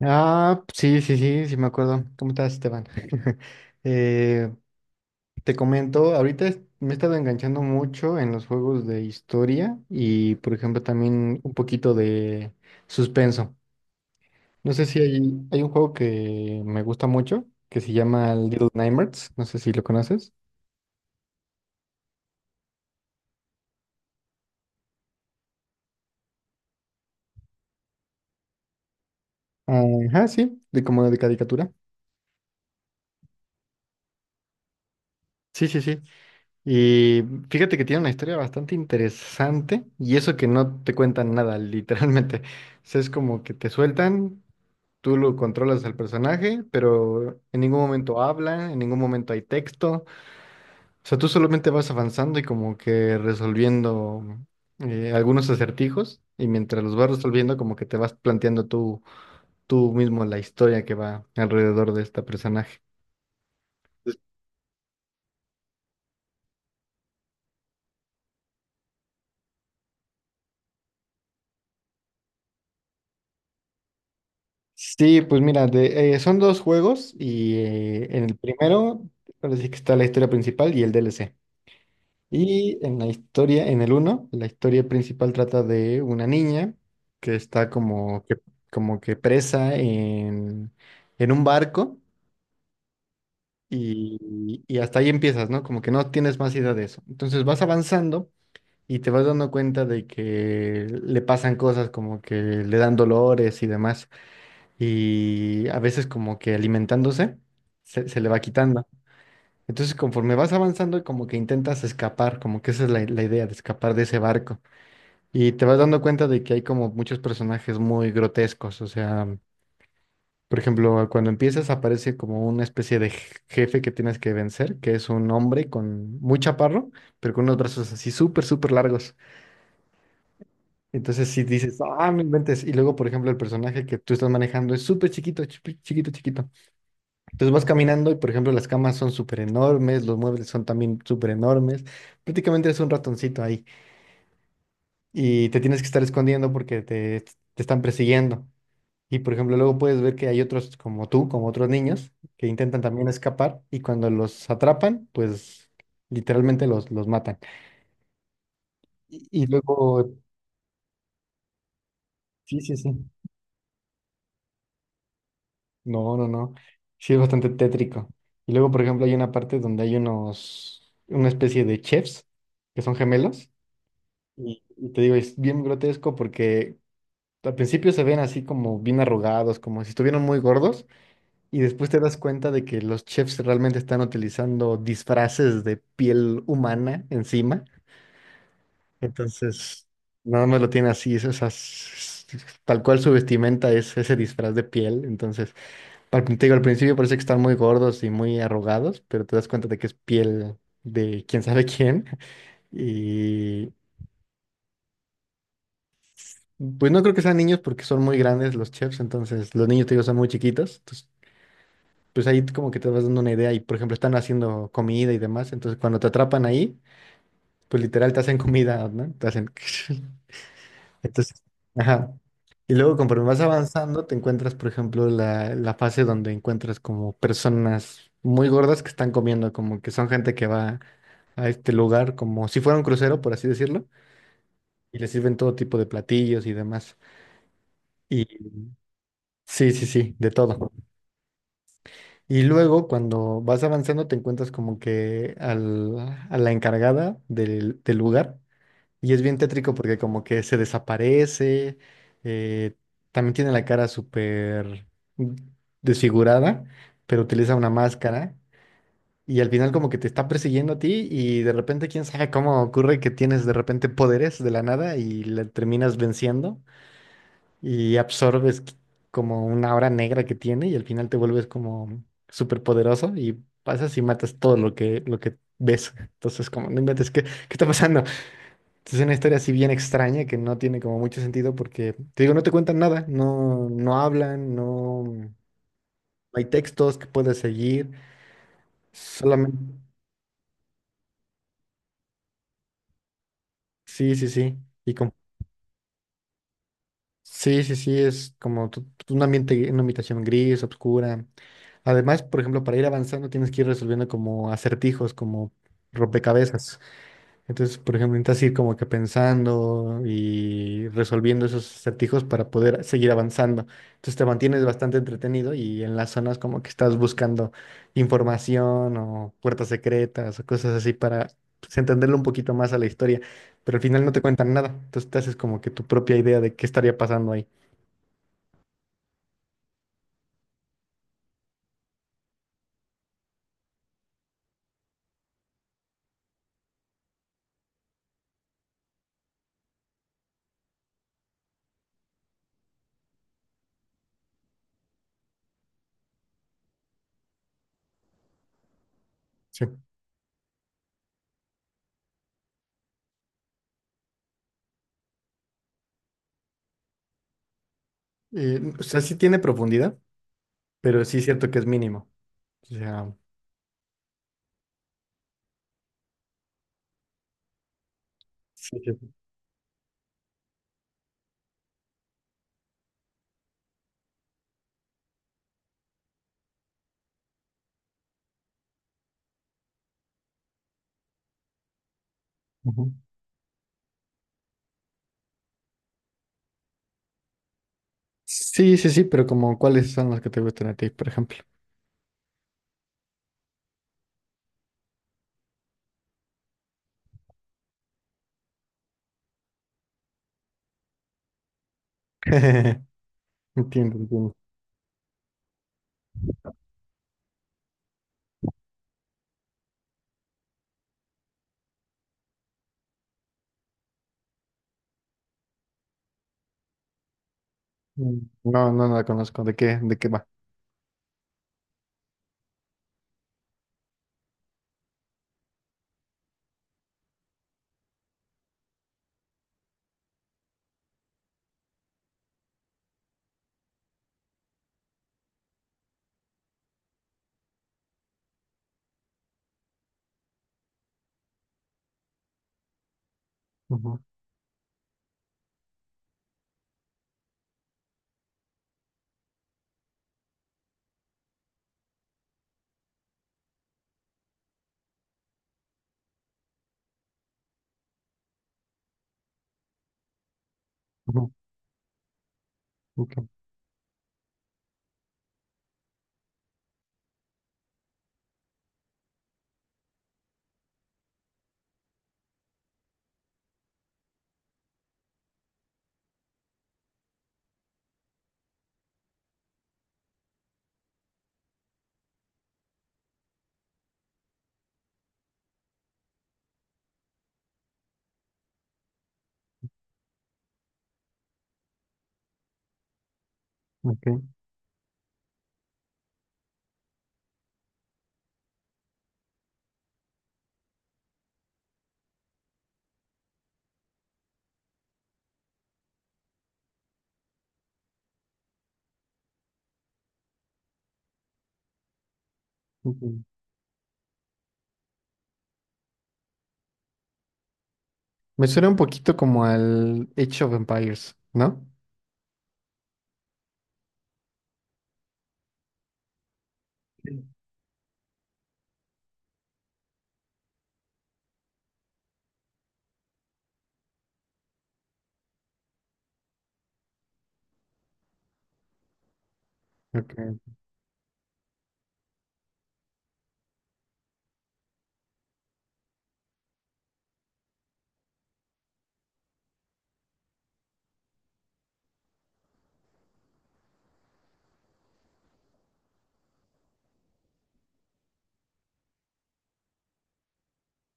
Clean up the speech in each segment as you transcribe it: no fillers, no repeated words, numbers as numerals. Ah, sí, sí, sí, sí me acuerdo. ¿Cómo estás, Esteban? Eh, Te comento, ahorita me he estado enganchando mucho en los juegos de historia y, por ejemplo, también un poquito de suspenso. No sé si hay un juego que me gusta mucho que se llama Little Nightmares. No sé si lo conoces. Ajá, sí, de como de caricatura. Sí, sí, sí. Y fíjate que tiene una historia bastante interesante y eso que no te cuentan nada, literalmente. O sea, es como que te sueltan, tú lo controlas al personaje, pero en ningún momento habla, en ningún momento hay texto. O sea, tú solamente vas avanzando y como que resolviendo algunos acertijos y mientras los vas resolviendo como que te vas planteando tú, tú mismo la historia que va alrededor de este personaje. Sí, pues mira, son dos juegos y en el primero parece que está la historia principal y el DLC. Y en la historia, en el uno, la historia principal trata de una niña que está como que presa en un barco y hasta ahí empiezas, ¿no? Como que no tienes más idea de eso. Entonces vas avanzando y te vas dando cuenta de que le pasan cosas como que le dan dolores y demás y a veces como que alimentándose se, se le va quitando. Entonces conforme vas avanzando como que intentas escapar, como que esa es la, la idea de escapar de ese barco. Y te vas dando cuenta de que hay como muchos personajes muy grotescos, o sea, por ejemplo, cuando empiezas aparece como una especie de jefe que tienes que vencer, que es un hombre con muy chaparro, pero con unos brazos así súper, súper largos. Entonces si dices, ah, no inventes. Y luego, por ejemplo, el personaje que tú estás manejando es súper chiquito, chiquito, chiquito. Entonces vas caminando y, por ejemplo, las camas son súper enormes, los muebles son también súper enormes. Prácticamente es un ratoncito ahí y te tienes que estar escondiendo porque te están persiguiendo. Y, por ejemplo, luego puedes ver que hay otros como tú, como otros niños, que intentan también escapar y cuando los atrapan, pues literalmente los matan. Y luego, sí, sí, sí. No, no, no. Sí, es bastante tétrico. Y luego, por ejemplo, hay una parte donde hay unos, una especie de chefs que son gemelos. Y te digo, es bien grotesco porque al principio se ven así como bien arrugados, como si estuvieran muy gordos, y después te das cuenta de que los chefs realmente están utilizando disfraces de piel humana encima. Entonces, nada más lo tiene así, es, o sea, tal cual su vestimenta es ese disfraz de piel. Entonces, te digo, al principio parece que están muy gordos y muy arrugados, pero te das cuenta de que es piel de quién sabe quién. Pues no creo que sean niños porque son muy grandes los chefs, entonces los niños, te digo, son muy chiquitos. Entonces, pues ahí como que te vas dando una idea y, por ejemplo, están haciendo comida y demás. Entonces, cuando te atrapan ahí, pues literal te hacen comida, ¿no? Te hacen... Entonces, ajá. Y luego, conforme vas avanzando, te encuentras, por ejemplo, la fase donde encuentras como personas muy gordas que están comiendo, como que son gente que va a este lugar como si fuera un crucero, por así decirlo, y les sirven todo tipo de platillos y demás. Y sí, sí, sí, de todo. Y luego cuando vas avanzando te encuentras como que al, a la encargada del, del lugar y es bien tétrico porque como que se desaparece, eh, también tiene la cara súper desfigurada, pero utiliza una máscara y al final como que te está persiguiendo a ti y de repente quién sabe cómo ocurre que tienes de repente poderes de la nada y le terminas venciendo y absorbes como una hora negra que tiene y al final te vuelves como súper poderoso y pasas y matas todo lo que ves. Entonces, como, no inventes, ¿qué, qué está pasando? Entonces, es una historia así bien extraña que no tiene como mucho sentido porque, te digo, no te cuentan nada, no, no hablan, no, no hay textos que puedas seguir, solamente... Sí, sí, sí. Y sí, sí, sí, es como un ambiente, una habitación gris, oscura. Además, por ejemplo, para ir avanzando tienes que ir resolviendo como acertijos, como rompecabezas. Entonces, por ejemplo, necesitas ir como que pensando y resolviendo esos acertijos para poder seguir avanzando. Entonces te mantienes bastante entretenido y en las zonas como que estás buscando información o puertas secretas o cosas así para pues, entenderlo un poquito más a la historia. Pero al final no te cuentan nada. Entonces te haces como que tu propia idea de qué estaría pasando ahí. Sí. O sea, sí tiene profundidad, pero sí es cierto que es mínimo. O sea, sí, sí. Ujú. Sí, sí, sí, pero como cuáles son las que te gustan a ti, por ejemplo. Entiendo, entiendo. No, no, no la conozco. De qué va? Ujú, ujú, ok, ok, ok. Me suena un poquito como al Age of Empires, ¿no? Sí. Ok,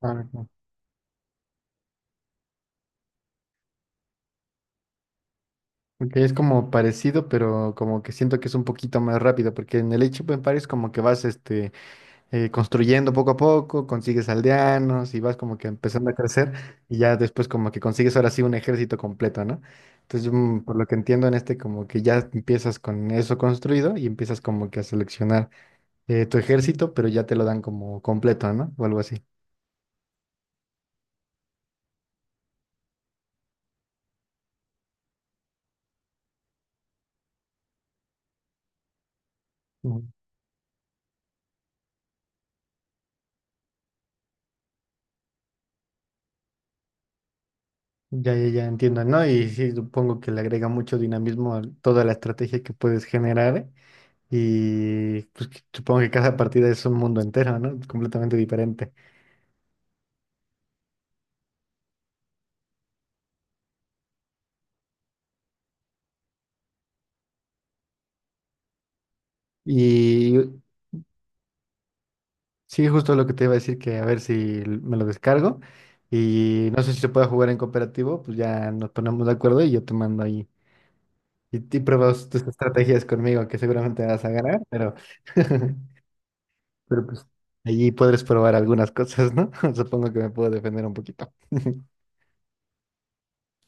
ah, ok. Ok, es como parecido, pero como que siento que es un poquito más rápido, porque en el Age of Empires como que vas este construyendo poco a poco, consigues aldeanos y vas como que empezando a crecer y ya después como que consigues ahora sí un ejército completo, ¿no? Entonces, mm, por lo que entiendo en este, como que ya empiezas con eso construido y empiezas como que a seleccionar tu ejército, pero ya te lo dan como completo, ¿no? O algo así. Mm, ya, ya, ya entiendo, ¿no? Y sí, supongo que le agrega mucho dinamismo a toda la estrategia que puedes generar, ¿eh? Y pues que- supongo que cada partida es un mundo entero, ¿no? Completamente diferente. Y sí, justo lo que te iba a decir, que a ver si me lo descargo y no sé si se puede jugar en cooperativo, pues ya nos ponemos de acuerdo y yo te mando ahí y pruebas tus estrategias conmigo, que seguramente vas a ganar, pero, pero pues allí podrás probar algunas cosas, ¿no? Supongo que me puedo defender un poquito.